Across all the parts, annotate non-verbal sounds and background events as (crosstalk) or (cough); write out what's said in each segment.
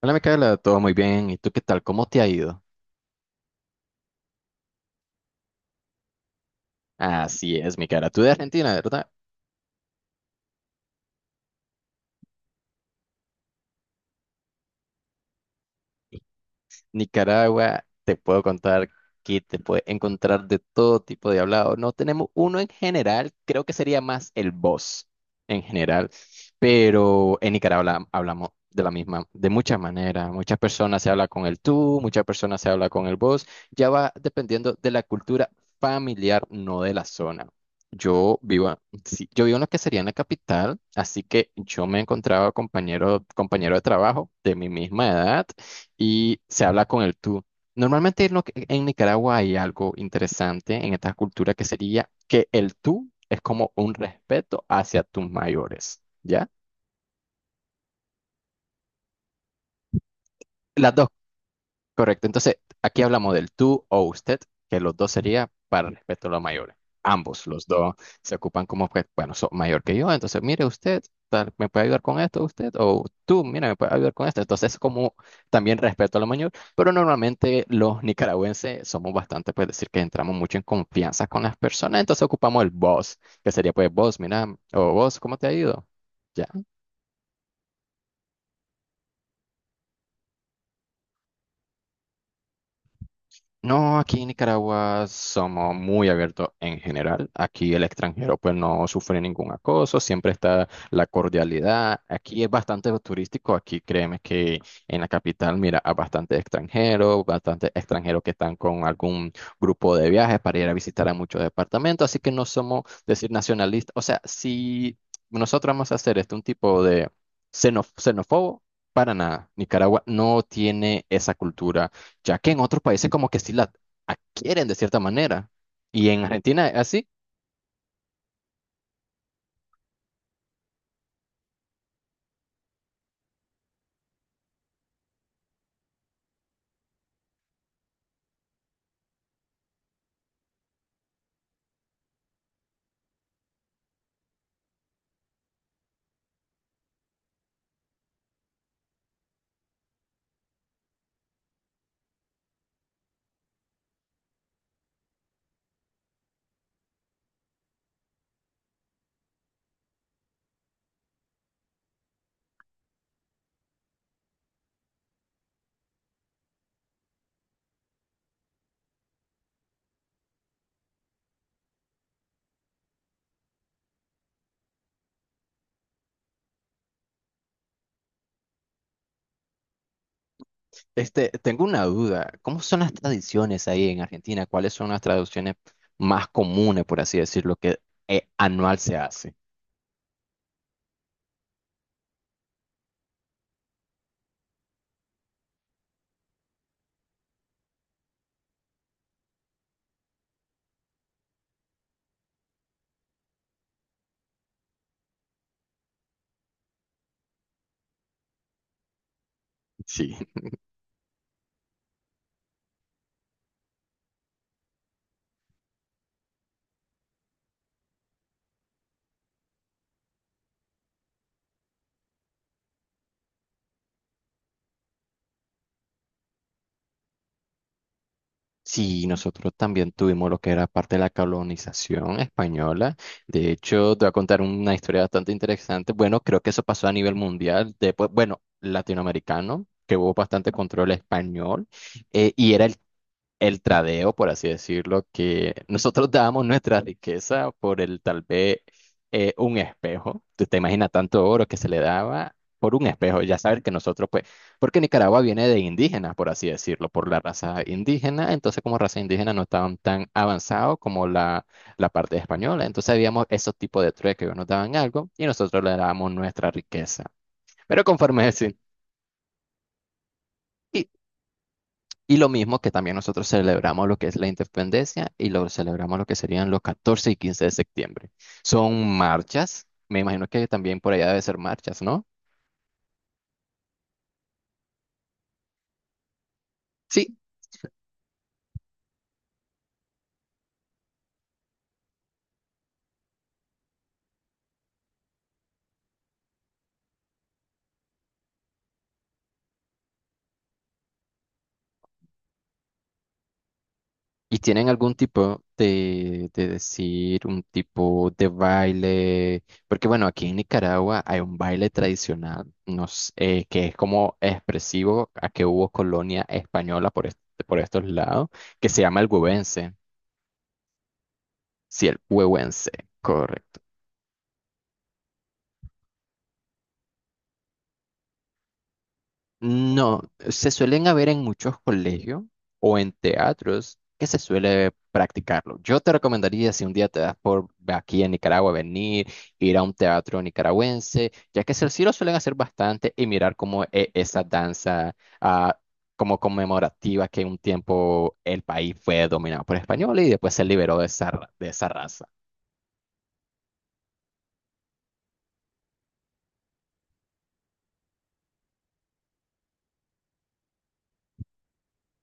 Hola, Micaela, todo muy bien. ¿Y tú qué tal? ¿Cómo te ha ido? Así es, Micaela. Tú de Argentina, ¿verdad? Nicaragua, te puedo contar que te puedes encontrar de todo tipo de hablado. No tenemos uno en general, creo que sería más el vos en general. Pero en Nicaragua hablamos de la misma, de muchas maneras. Muchas personas se habla con el tú, muchas personas se habla con el vos. Ya va dependiendo de la cultura familiar, no de la zona. Yo vivo, a- sí, yo vivo en lo que sería en la capital, así que yo me encontraba compañero, compañero de trabajo de mi misma edad y se habla con el tú. Normalmente en, en Nicaragua hay algo interesante en esta cultura que sería que el tú es como un respeto hacia tus mayores. ¿Ya? Las dos, correcto. Entonces, aquí hablamos del tú o usted, que los dos sería para respeto a los mayores. Ambos, los dos, se ocupan como, pues, bueno, sos mayor que yo, entonces, mire usted, tal, ¿me puede ayudar con esto usted? O tú, mira, ¿me puede ayudar con esto? Entonces, como también respeto a lo mayor, pero normalmente los nicaragüenses somos bastante, pues, decir que entramos mucho en confianza con las personas, entonces ocupamos el vos, que sería, pues, vos, mira, o vos, ¿cómo te ha ido? Ya. No, aquí en Nicaragua somos muy abiertos en general. Aquí el extranjero pues no sufre ningún acoso, siempre está la cordialidad. Aquí es bastante turístico, aquí créeme que en la capital mira a bastante extranjeros que están con algún grupo de viajes para ir a visitar a muchos departamentos, así que no somos decir nacionalistas. O sea, si nosotros vamos a hacer este un tipo de xenófobo, para nada. Nicaragua no tiene esa cultura ya que en otros países como que sí la adquieren de cierta manera. Y en Argentina, así, este, tengo una duda, ¿cómo son las tradiciones ahí en Argentina? ¿Cuáles son las tradiciones más comunes, por así decirlo, que anual se hace? Sí. Sí, nosotros también tuvimos lo que era parte de la colonización española. De hecho, te voy a contar una historia bastante interesante. Bueno, creo que eso pasó a nivel mundial, después, bueno, latinoamericano, que hubo bastante control español, y era el tradeo, por así decirlo, que nosotros dábamos nuestra riqueza por el tal vez un espejo. Tú te imaginas tanto oro que se le daba por un espejo. Ya saber que nosotros, pues, porque Nicaragua viene de indígenas, por así decirlo, por la raza indígena. Entonces, como raza indígena no estaban tan avanzados como la parte española. Entonces, habíamos esos tipos de trueques que nos daban algo y nosotros le dábamos nuestra riqueza. Pero conforme (laughs) y y lo mismo que también nosotros celebramos lo que es la independencia y lo celebramos lo que serían los 14 y 15 de septiembre. Son marchas, me imagino que también por allá debe ser marchas, ¿no? Sí. ¿Y tienen algún tipo de decir, un tipo de baile? Porque bueno, aquí en Nicaragua hay un baile tradicional, no s- que es como expresivo a que hubo colonia española por, por estos lados, que se llama el huevense. Sí, el huevense. No, se suelen haber en muchos colegios o en teatros que se suele practicarlo. Yo te recomendaría, si un día te das por aquí en Nicaragua, venir, ir a un teatro nicaragüense, ya que sí lo suelen hacer bastante y mirar como esa danza ah, como conmemorativa que un tiempo el país fue dominado por españoles y después se liberó de esa, de esa raza.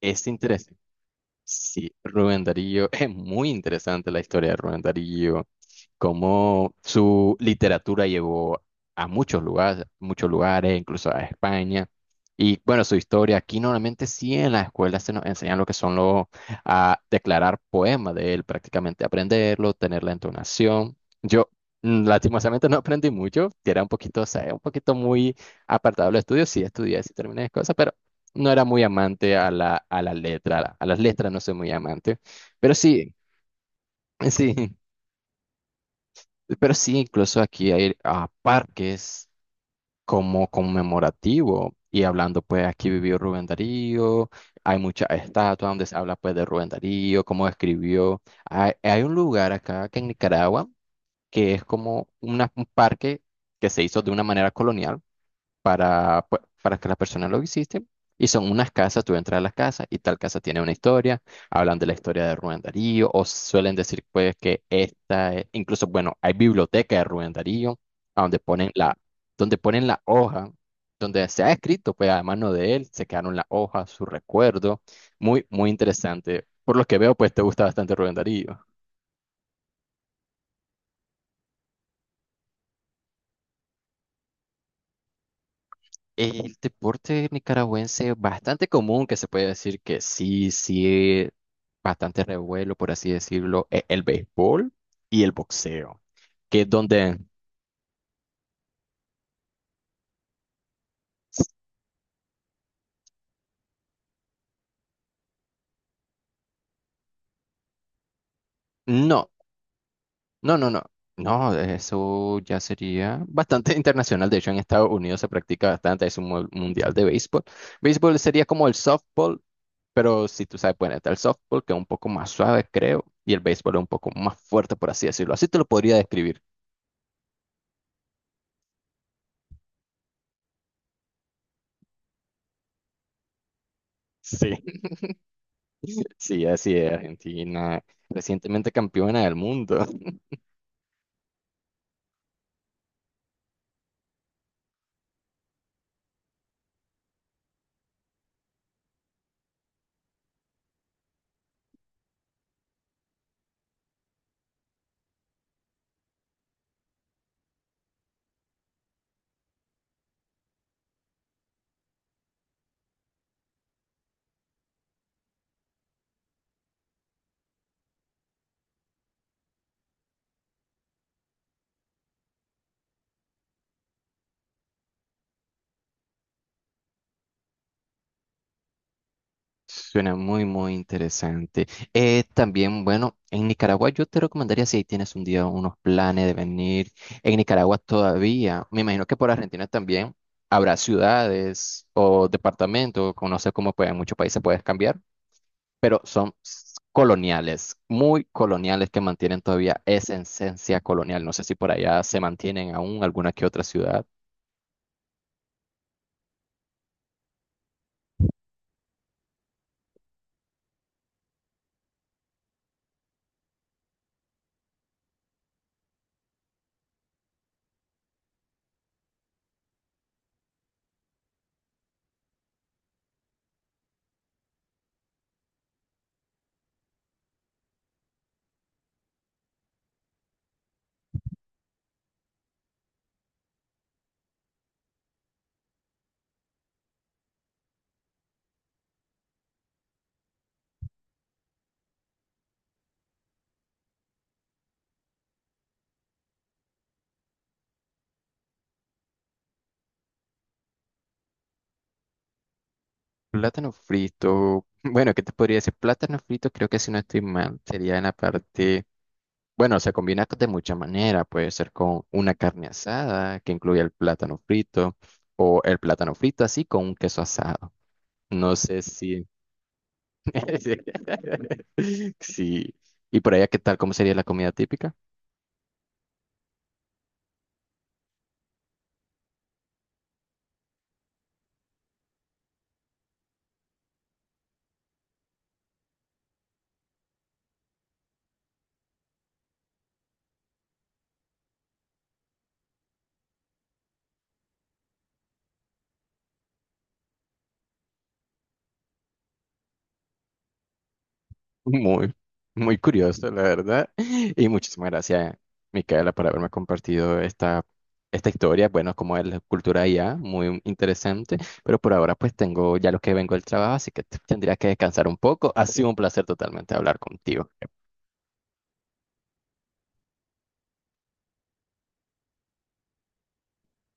Es interesante. Sí, Rubén Darío, (laughs) es muy interesante la historia de Rubén Darío. Cómo su literatura llevó a muchos lugares, incluso a España. Y bueno, su historia, aquí normalmente sí en la escuela se nos enseñan lo que son los, a declarar poemas de él, prácticamente aprenderlo, tener la entonación. Yo lastimosamente no aprendí mucho, que era un poquito, o sea, un poquito muy apartado del estudio, sí estudié, sí terminé cosas, pero no era muy amante a a la letra, a las letras no soy muy amante, pero sí, (laughs) sí. Pero sí, incluso aquí hay parques como conmemorativo. Y hablando, pues aquí vivió Rubén Darío, hay muchas estatuas donde se habla pues de Rubén Darío, cómo escribió. Hay un lugar acá que en Nicaragua que es como un parque que se hizo de una manera colonial para, para que las personas lo visiten. Y son unas casas, tú entras a las casas y tal casa tiene una historia, hablan de la historia de Rubén Darío o suelen decir pues que esta, incluso bueno, hay biblioteca de Rubén Darío, a donde ponen la hoja, donde se ha escrito pues a mano de él, se quedaron las hojas, su recuerdo, muy, muy interesante. Por lo que veo pues te gusta bastante Rubén Darío. El deporte nicaragüense bastante común que se puede decir que sí, sí, bastante revuelo, por así decirlo, el béisbol y el boxeo, que es donde... No, no, no, no. No, eso ya sería bastante (laughs) internacional. De hecho, en Estados Unidos se practica bastante. Es un mundial de béisbol. Béisbol sería como el softball, pero si tú sabes, bueno, está el softball, que es un poco más suave, creo, y el béisbol es un poco más fuerte, por así decirlo. Así te lo podría describir. Sí, (laughs) sí, así es. Argentina, recientemente campeona del mundo. Suena muy, muy interesante. También, bueno, en Nicaragua yo te recomendaría si ahí tienes un día unos planes de venir. En Nicaragua todavía, me imagino que por Argentina también habrá ciudades o departamentos, o no sé cómo pues, en muchos países puedes cambiar, pero son coloniales, muy coloniales que mantienen todavía esa esencia colonial. No sé si por allá se mantienen aún alguna que otra ciudad. Plátano frito. Bueno, ¿qué te podría decir? Plátano frito, creo que si no estoy mal, sería en la parte. Bueno, se combina de mucha manera. Puede ser con una carne asada que incluye el plátano frito o el plátano frito así con un queso asado. No sé si. (laughs) Sí. ¿Y por allá qué tal? ¿Cómo sería la comida típica? Muy, muy curioso, la verdad. Y muchísimas gracias, Micaela, por haberme compartido esta, esta historia. Bueno, como es la cultura IA, muy interesante. Pero por ahora, pues tengo ya lo que vengo del trabajo, así que tendría que descansar un poco. Ha sido un placer totalmente hablar contigo.